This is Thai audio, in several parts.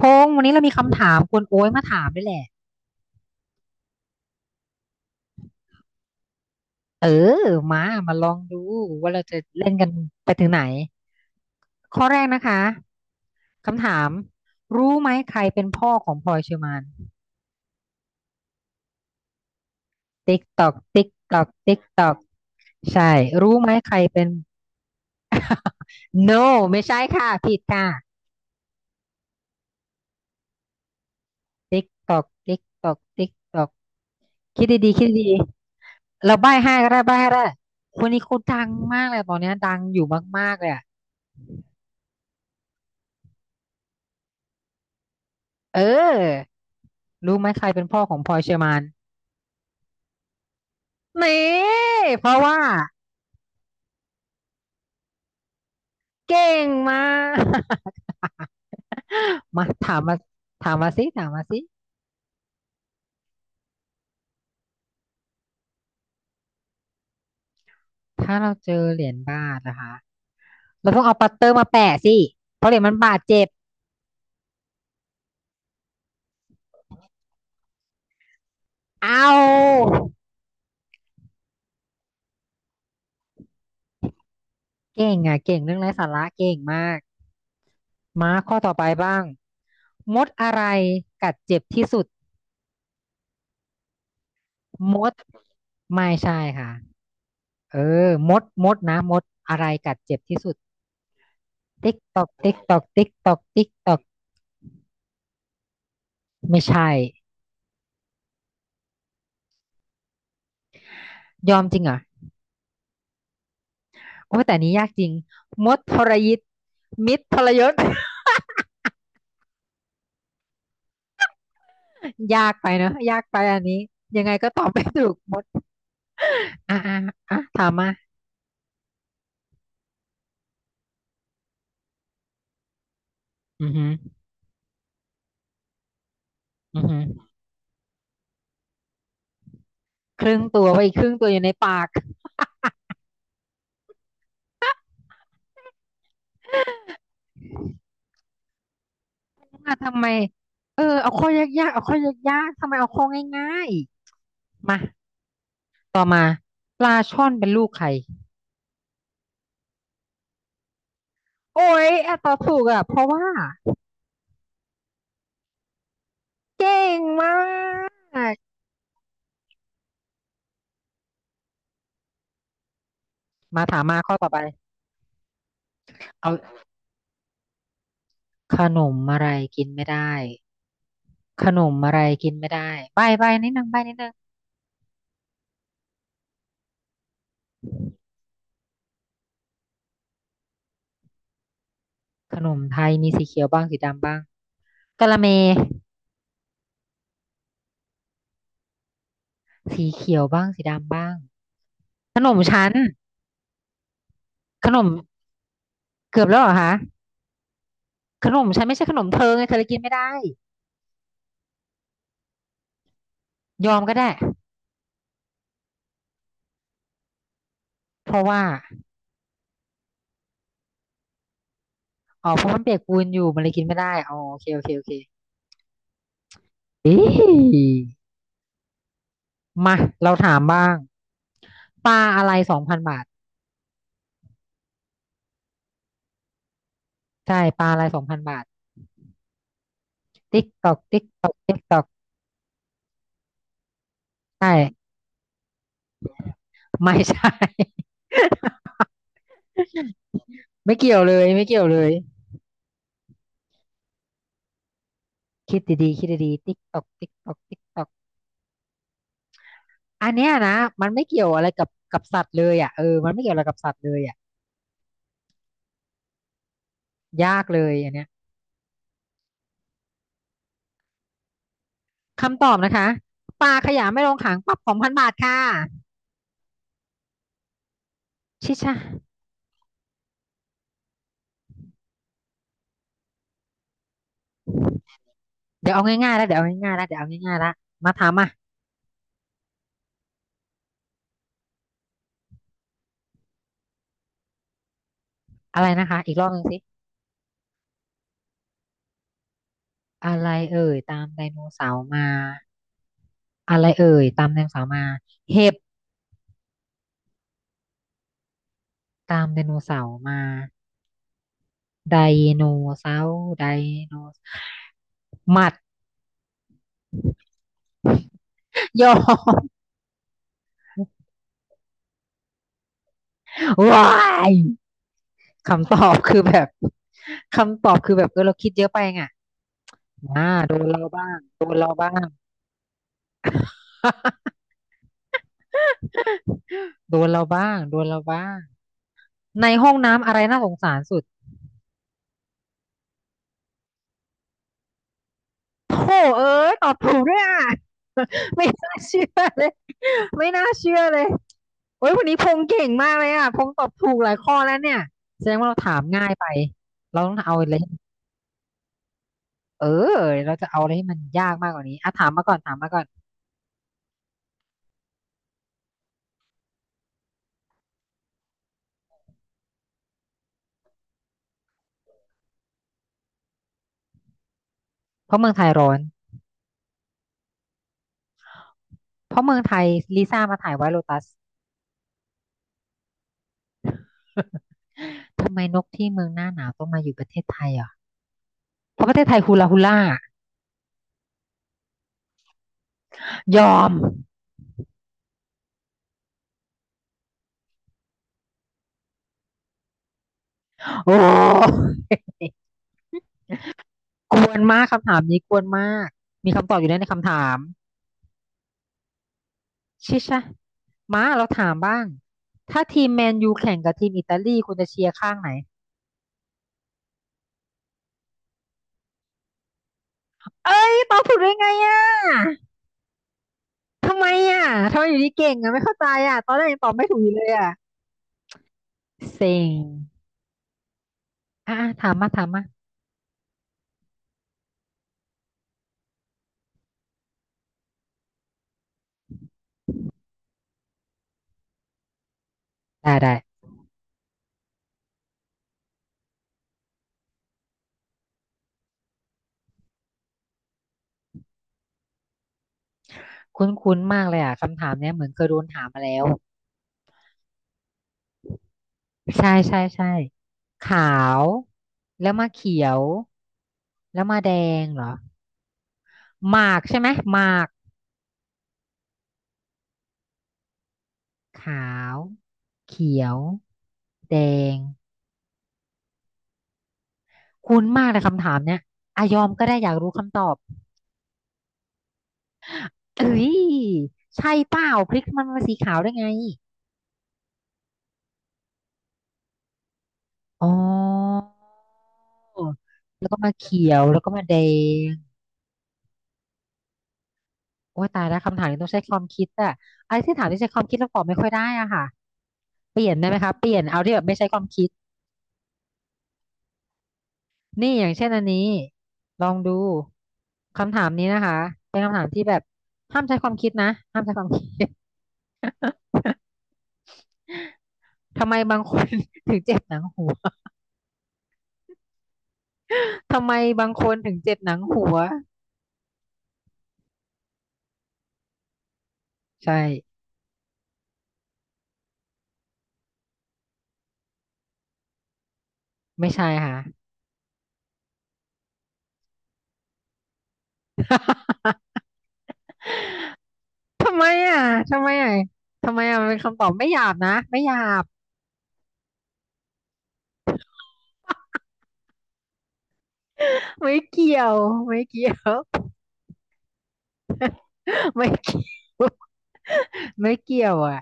พงษ์วันนี้เรามีคำถามคุณโอ้ยมาถามด้วยแหละเออมาลองดูว่าเราจะเล่นกันไปถึงไหนข้อแรกนะคะคำถามรู้ไหมใครเป็นพ่อของพลอยเชอร์มานติ๊กตอกติ๊กตอกติ๊กตอกใช่รู้ไหมใครเป็น no ไม่ใช่ค่ะผิดค่ะติ๊กตอกติ๊กตอกติ๊กตอกคิดดีๆคิดดีๆเราใบ้ให้ก็ได้ใบ้ให้ก็ได้คนนี้เขาดังมากเลยตอนเนี้ยดังอยู่มากๆเลยอะเออ รู้ไหมใครเป็นพ่อของพลอยเชอร์แมนนี่เพราะว่าเก่งมาก มาถามมาถามมาสิถามมาสิถ้าเราเจอเหรียญบาทนะคะเราต้องเอาปัตเตอร์มาแปะสิเพราะเหรียญมันบาดเจ็บเอาเก่งอ่ะเก่งเรื่องไร้สาระเก่งมากมาข้อต่อไปบ้างมดอะไรกัดเจ็บที่สุดมดไม่ใช่ค่ะเออมดนะมดอะไรกัดเจ็บที่สุดติ๊กตอกติ๊กตอกติ๊กตอกติ๊กตอก ไม่ใช่ยอมจริงเหรอโอ้แต่อันนี้ยากจริงมดทรยิตมิตรทรยศ ยากไปเนอะยากไปอันนี้ยังไงก็ตอบไม่ถูกมดอ่ะอ่ะอ่ะถามมาอือหืออือหือครึ่งตัวไว้อีกครึ่งตัวอยู่ในปากอ่ะทำไมเออเอาข้อยากๆเอาข้อยากๆทำไมเอาข้อง่ายๆมาต่อมาปลาช่อนเป็นลูกใครโอ้ยอ่ะตอบถูกอ่ะเพราะว่าเก่งมากมาถามมาข้อต่อไปเอาขนมอะไรกินไม่ได้ ขนมอะไรกินไม่ได้ใบใบนิดนึงใบนิดนึงขนมไทยมีสีเขียวบ้างสีดำบ้างกะละเมสีเขียวบ้างสีดำบ้างขนมชั้นขนมเกือบแล้วเหรอคะขนมชั้นไม่ใช่ขนมเธอไงเธอเลยกินไม่ได้ยอมก็ได้เพราะว่าอ๋อเพราะมันเปียกปูนอยู่มันเลยกินไม่ได้อ๋อโอเคโอเคโอเคเอ๊ะมาเราถามบ้างปลาอะไรสองพันบาทใช่ปลาอะไรสองพันบาทติ๊กตอกติ๊กตอกติ๊กตอกใช่ไม่ใช่ ไม่เกี่ยวเลยไม่เกี่ยวเลยคิดดีๆคิดดีๆติ๊กตอกติ๊กตอกติ๊กตอกอันเนี้ยนะมันไม่เกี่ยวอะไรกับสัตว์เลยอ่ะเออมันไม่เกี่ยวอะไรกับสัตว์เลยอ่ะยากเลยอันเนี้ยคำตอบนะคะปลาขยะไม่ลงหางปรับสองพันบาทค่ะชิชะเดี๋ยวเอาง่ายๆแล้วเดี๋ยวเอาง่ายๆแล้วเดี๋ยวเอาง่ายๆแล้วมาถามอ่ะอะไรนะคะอีกรอบหนึ่งสิอะไรเอ่ยตามไดโนเสาร์มาอะไรเอ่ยตามไดโนเสาร์มาเห็บตามไดโนเสาร์มาไดโนเสาร์ไดโนหมัดยอ ว้ายคำตอบคือแบบคำตอบคือแบบเออเราคิดเยอะไปไงอ่าโดนเราบ้างโดนเราบ้าง โดนเราบ้างโดนเราบ้างในห้องน้ำอะไรน่าสงสารสุดโธ่เอ้ยตอบถูกด้วยอ่ะ ไม่น่าเชื่อเลยไม่น่าเชื่อเลยโอ้ยวันนี้พงเก่งมากเลยอ่ะพงตอบถูกหลายข้อแล้วเนี่ยแสดงว่าเราถามง่ายไปเราต้องเอาอะไรให้เออเราจะเอาอะไรให้มันยากมากกว่านี้อ่ะถามมาก่อนถามมาก่อนเพราะเมืองไทยร้อน เพราะเมืองไทยลิซ่ามาถ่ายไวท์โลตัสทำไมนกที่เมืองหน้าหนาวต้องมาอยู่ประเทศไทยอ่ะเพราะประเทศไทยฮูลาฮูล่ายอมโอ้ กวนมากคำถามนี้กวนมากมีคำตอบอยู่แล้วในคำถามชิชะมาเราถามบ้างถ้าทีมแมนยูแข่งกับทีมอิตาลีคุณจะเชียร์ข้างไหนเอ้ยตอบถูกได้ไงอ่ะทำไมอ่ะทำไมอยู่ดีเก่งอ่ะไม่เข้าใจอ่ะตอนแรกยังตอบไม่ถูกอยู่เลยอ่ะเซ็งอ่ะอ่ะถามมาถามมาได้ได้ คุ้นๆมากเลยอ่ะคำถามเนี้ยเหมือนเคยโดนถามมาแล้วใช่ใช่ใช่ขาวแล้วมาเขียวแล้วมาแดงเหรอหมากใช่ไหมหมากขาวเขียวแดงคุ้นมากเลยคำถามเนี้ยอายอมก็ได้อยากรู้คำตอบเอ้ยใช่เปล่าพริกมันมาสีขาวได้ไงอ๋อแล้วก็มาเขียวแล้วก็มาแดง โอ้ยตายแล้วคำถามนี้ต้องใช้ความคิดอะอะไรที่ถามที่ใช้ความคิดเราตอบไม่ค่อยได้อะค่ะเปลี่ยนได้ไหมคะเปลี่ยนเอาที่แบบไม่ใช้ความคิดนี่อย่างเช่นอันนี้ลองดูคำถามนี้นะคะเป็นคำถามที่แบบห้ามใช้ความคิดนะห้ามใช้ความคิด ทำไมบางคน ถึงเจ็บหนังหัวทำไมบางคนถึงเจ็บหนังหัวใช่ไม่ใช่ค่ะ ทำไมอ่ะทำไมอ่ะทำไมอ่ะมันเป็นคำตอบไม่หยาบนะไม่หยาบไม่เกี่ยวไม่เกี่ยวไม่เกี่ยว ไม่เกี่ยวอ่ะ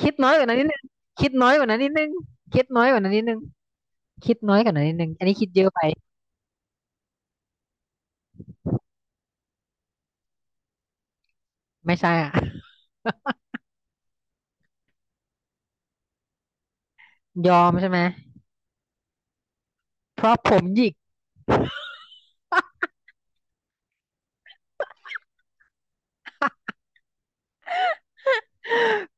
คิดน้อยกว่านั้นนิดนึงคิดน้อยกว่านั้นนิดนึงคิดน้อยกว่านั้นนิดนึงคิดน้อยกว่านั้นนิดนึงอันนี้คิดเยอะไปไม่ใช่อ่ะยอมใช่ไหมเพราะผมหยิก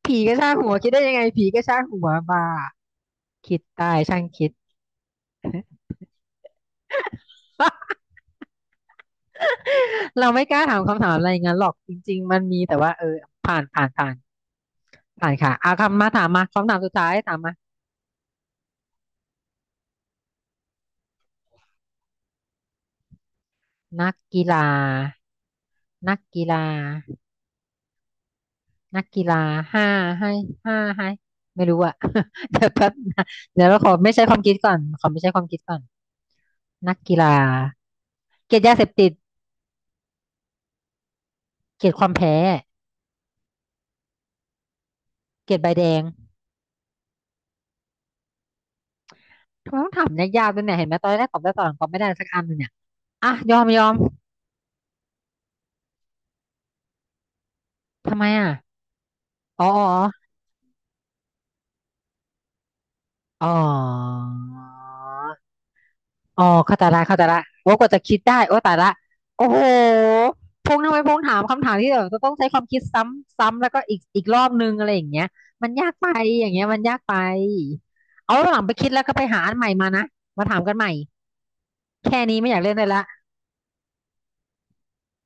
ผีก็ช่างหัวคิดได้ยังไงผีก็ช่างหัวบ้าคิดตายช่างคิด เราไม่กล้าถามคำถามอะไรอย่างนั้นหรอกจริงๆมันมีแต่ว่าเออผ่านผ่านผ่านผ่านค่ะเอาคำมาถามมาคำถามสุดท้ายถามมานักกีฬานักกีฬา นักกีฬาห้าให้ห้าให้ไม่รู้อะ เดี๋ยวแป๊บนะเดี๋ยวเราขอไม่ใช้ความคิดก่อนขอไม่ใช้ความคิดก่อนนักกีฬาเกลียดยาเสพติดเกลียดความแพ้เกลียดใบแดงทำไมต้องถามยากๆด้วยเนี่ยเห็นไหมตอนแรกตอบได้ตอนหลังตอบไม่ได้สักอันเลยเนี่ยอ่ะยอมยอมทำไมอ่ะอ๋ออ๋ออ๋อ อ๋อเข้าใจละเข้าใจละว่ากว่าจะคิดได้โอ้ตายละโอ้โหพงษ์ทำไมพงษ์ถามคำถามที่แบบจะต้องใช้ความคิดซ้ำซ้ำแล้วก็อีกรอบนึงอะไรอย่างเงี้ยมันยากไปอย่างเงี้ยมันยากไปเอาหลังไปคิดแล้วก็ไปหาอันใหม่มานะมาถามกันใหม่แค่นี้ไม่อยากเล่นเลยละ